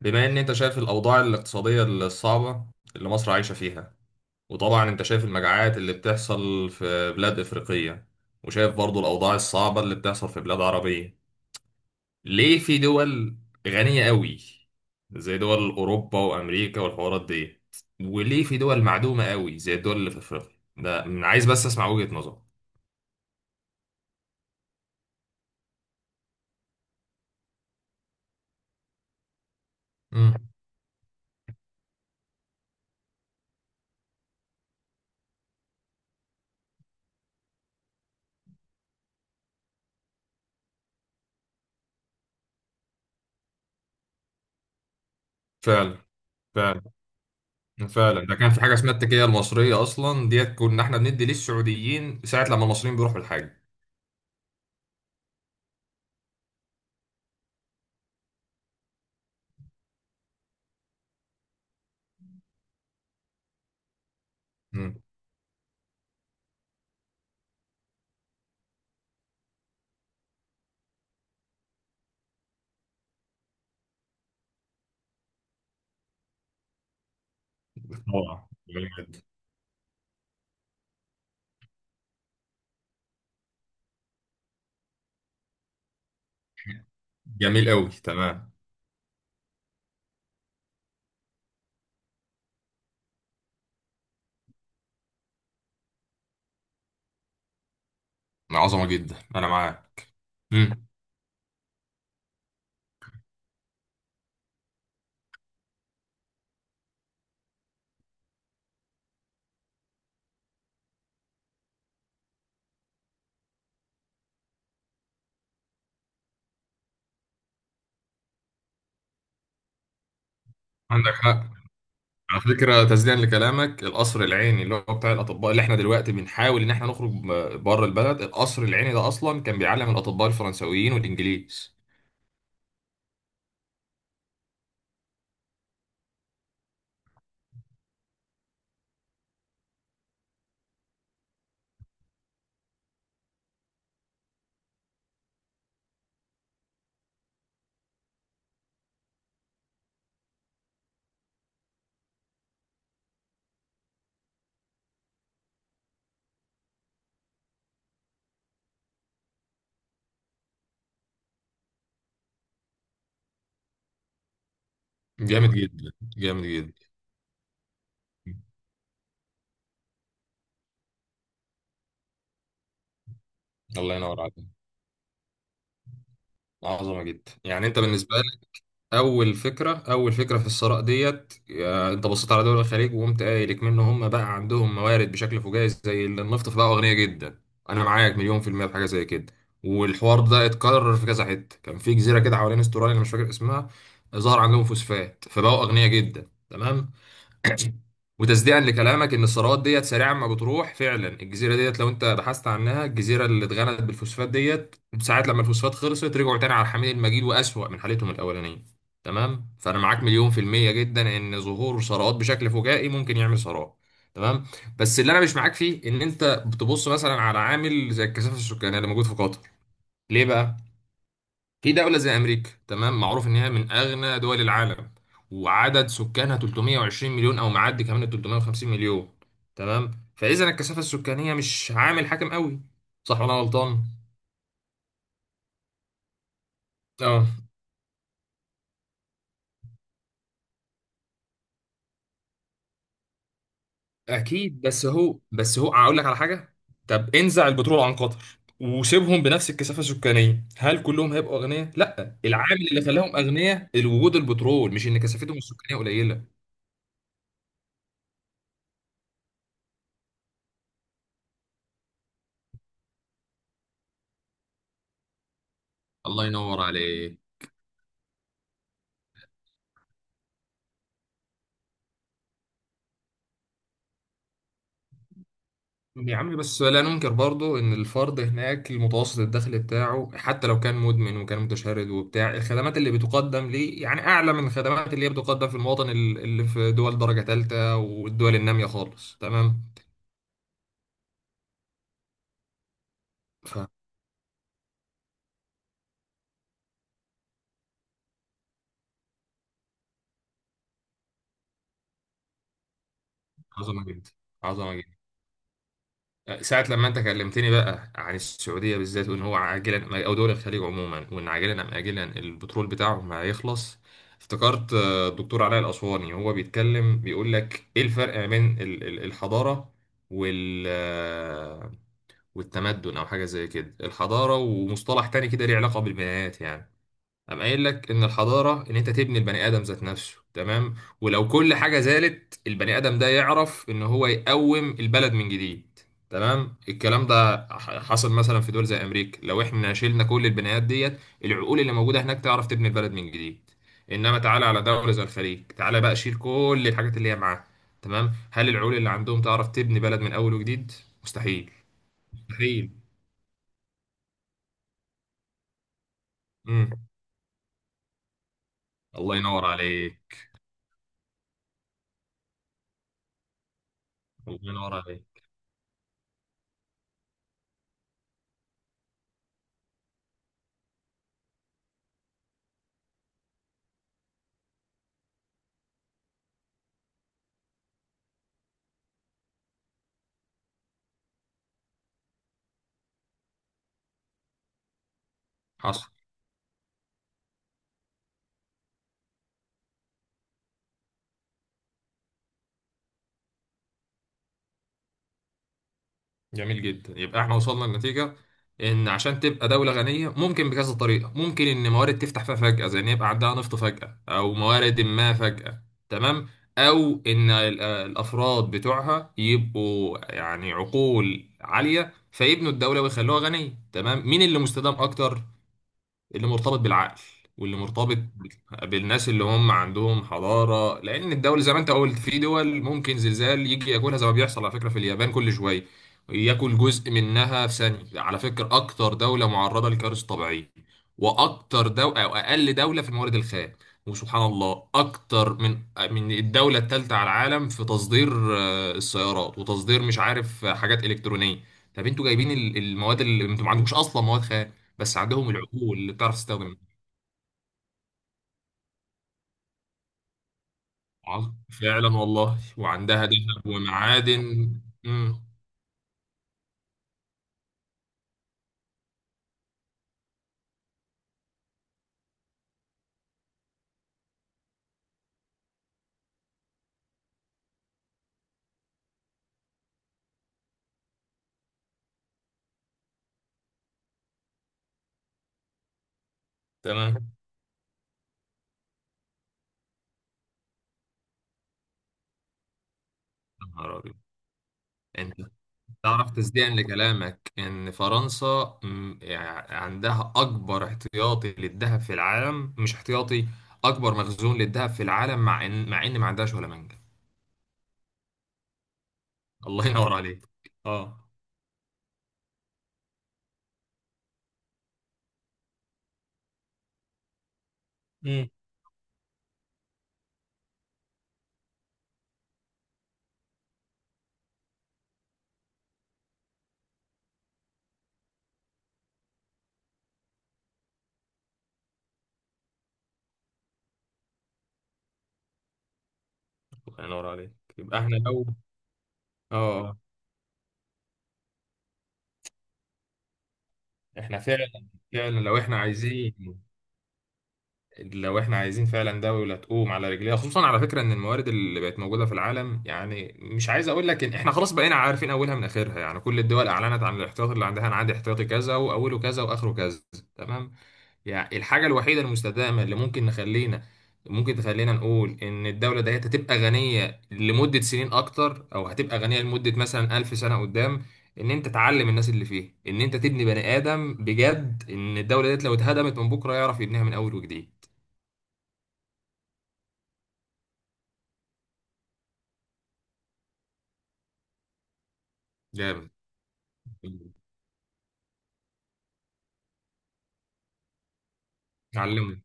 بما ان انت شايف الاوضاع الاقتصادية الصعبة اللي مصر عايشة فيها، وطبعا انت شايف المجاعات اللي بتحصل في بلاد افريقية، وشايف برضو الاوضاع الصعبة اللي بتحصل في بلاد عربية. ليه في دول غنية قوي زي دول اوروبا وامريكا والحوارات دي، وليه في دول معدومة قوي زي الدول اللي في افريقيا؟ ده من عايز بس اسمع وجهة نظرك. مم. فعلا. فعلا. فعلا، ده كان في حاجة اسمها التكية المصرية أصلا ديت، كنا احنا بندي للسعوديين ساعة لما المصريين بيروحوا الحج. روعة. جامد. جميل قوي، تمام. عظمة جدا، أنا معاك. مم. عندك حق. على فكرة تسديدا لكلامك، القصر العيني اللي هو بتاع الأطباء اللي احنا دلوقتي بنحاول إن احنا نخرج بره البلد، القصر العيني ده أصلا كان بيعلم الأطباء الفرنسويين والإنجليز. جامد جدا، جامد جدا. الله ينور عليك. عظمة جدا، يعني أنت بالنسبة اول فكره في الثراء ديت، انت بصيت على دول الخليج وقمت قايل منه هم بقى عندهم موارد بشكل فجائي زي اللي النفط، فبقوا اغنياء جدا. انا معاك مليون في المية في حاجه زي كده. والحوار ده اتكرر في كذا حته، كان في جزيره كده حوالين استراليا انا مش فاكر اسمها، ظهر عندهم فوسفات فبقوا اغنياء جدا، تمام. وتصديقا لكلامك ان الثروات ديت سريعا ما بتروح، فعلا الجزيره ديت لو انت بحثت عنها، الجزيره اللي اتغنت بالفوسفات ديت ساعات لما الفوسفات خلصت رجعوا تاني على الحميد المجيد واسوأ من حالتهم الاولانيه. تمام. فانا معاك مليون في الميه جدا ان ظهور ثروات بشكل فجائي ممكن يعمل ثروات. تمام. بس اللي انا مش معاك فيه، ان انت بتبص مثلا على عامل زي الكثافه السكانيه اللي موجود في قطر. ليه بقى في دولة زي أمريكا، تمام، معروف إن هي من أغنى دول العالم، وعدد سكانها 320 مليون أو معدي كمان ال 350 مليون، تمام. فإذا الكثافة السكانية مش عامل حاكم قوي، صح ولا أنا غلطان؟ اه. أكيد، بس هو أقول لك على حاجة. طب انزع البترول عن قطر وسيبهم بنفس الكثافة السكانية، هل كلهم هيبقوا أغنياء؟ لا، العامل اللي خلاهم أغنياء الوجود البترول، مش إن كثافتهم السكانية قليلة. الله ينور عليك. يا عم، بس لا ننكر برضو ان الفرد هناك المتوسط الدخل بتاعه حتى لو كان مدمن وكان متشرد وبتاع، الخدمات اللي بتقدم ليه يعني اعلى من الخدمات اللي هي بتقدم في المواطن اللي في دول درجة ثالثة والدول النامية خالص، تمام. فعظمة جدا. عظمة جدا. ساعة لما انت كلمتني بقى عن السعودية بالذات، وان هو عاجلا او دول الخليج عموما، وان عاجلا ام اجلا البترول بتاعهم هيخلص، افتكرت الدكتور علاء الاسواني وهو بيتكلم بيقول لك ايه الفرق ما بين الحضارة وال آه، والتمدن او حاجة زي كده، الحضارة ومصطلح تاني كده ليه علاقة بالبنايات يعني. أنا قايل لك إن الحضارة إن أنت تبني البني آدم ذات نفسه، تمام. ولو كل حاجة زادت البني آدم ده يعرف إن هو يقوم البلد من جديد. تمام. الكلام ده حصل مثلا في دول زي أمريكا، لو إحنا شلنا كل البنيات ديت، العقول اللي موجودة هناك تعرف تبني البلد من جديد. إنما تعالى على دولة زي الخليج، تعالى بقى شيل كل الحاجات اللي هي معاها، تمام، هل العقول اللي عندهم تعرف تبني بلد من أول وجديد؟ مستحيل. مستحيل. مم. الله ينور عليك. الله ينور عليك. حصل. جميل جدا. يبقى احنا وصلنا لنتيجة ان عشان تبقى دولة غنية ممكن بكذا طريقة، ممكن ان موارد تفتح فيها فجأة، زي ان يبقى عندها نفط فجأة او موارد ما فجأة. تمام. او ان الافراد بتوعها يبقوا يعني عقول عالية فيبنوا الدولة ويخلوها غنية، تمام. مين اللي مستدام اكتر؟ اللي مرتبط بالعقل، واللي مرتبط بالناس اللي هم عندهم حضارة. لأن الدول زي ما أنت قلت في دول ممكن زلزال يجي ياكلها، زي ما بيحصل على فكرة في اليابان كل شوية ياكل جزء منها في ثانية. على فكرة أكتر دولة معرضة لكوارث طبيعية، وأكتر دولة أو أقل دولة في الموارد الخام، وسبحان الله أكتر من الدولة الثالثة على العالم في تصدير السيارات، وتصدير مش عارف حاجات إلكترونية. طب أنتوا جايبين المواد، اللي أنتوا ما عندكوش أصلا مواد خام، بس عندهم العقول اللي بتعرف تستخدم. العظم. فعلا والله، وعندها ذهب ومعادن. امم. تمام. يا نهار أبيض. انت تعرف تصديقا لكلامك ان فرنسا، يعني عندها اكبر احتياطي للذهب في العالم، مش احتياطي، اكبر مخزون للذهب في العالم، مع ان ما عندهاش ولا منجم. الله ينور عليك. اه. امم. الله ينور عليك. يبقى احنا لو، اه، احنا فعلا، فعلا لو احنا عايزين فعلا دولة تقوم على رجليها، خصوصا على فكرة ان الموارد اللي بقت موجودة في العالم، يعني مش عايز اقول لك ان احنا خلاص بقينا عارفين اولها من اخرها، يعني كل الدول اعلنت عن الاحتياط اللي عندها، انا عندي احتياطي كذا واوله كذا واخره كذا، تمام. يعني الحاجة الوحيدة المستدامة اللي ممكن نخلينا، ممكن تخلينا نقول ان الدولة ديت هتبقى غنية لمدة سنين اكتر، او هتبقى غنية لمدة مثلا 1000 سنة قدام، ان انت تعلم الناس اللي فيه، ان انت تبني بني ادم بجد، ان الدولة ديت لو اتهدمت من بكرة يعرف يبنيها من اول وجديد. جامد. اتعلمه.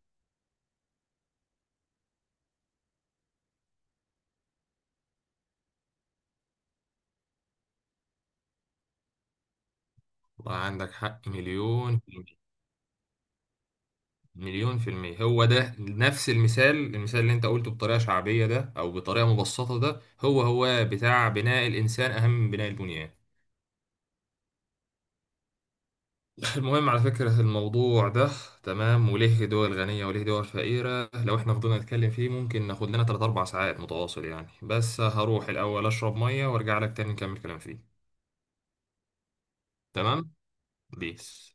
والله عندك حق، مليون في المية. مليون في المية، هو ده نفس المثال، المثال اللي انت قلته بطريقة شعبية ده او بطريقة مبسطة ده، هو بتاع بناء الانسان اهم من بناء البنيان. المهم على فكرة الموضوع ده، تمام، وليه دول غنية وليه دول فقيرة، لو احنا فضلنا نتكلم فيه ممكن ناخد لنا 3 4 ساعات متواصل يعني. بس هروح الاول اشرب مية وارجع لك تاني نكمل كلام فيه. تمام. بيس.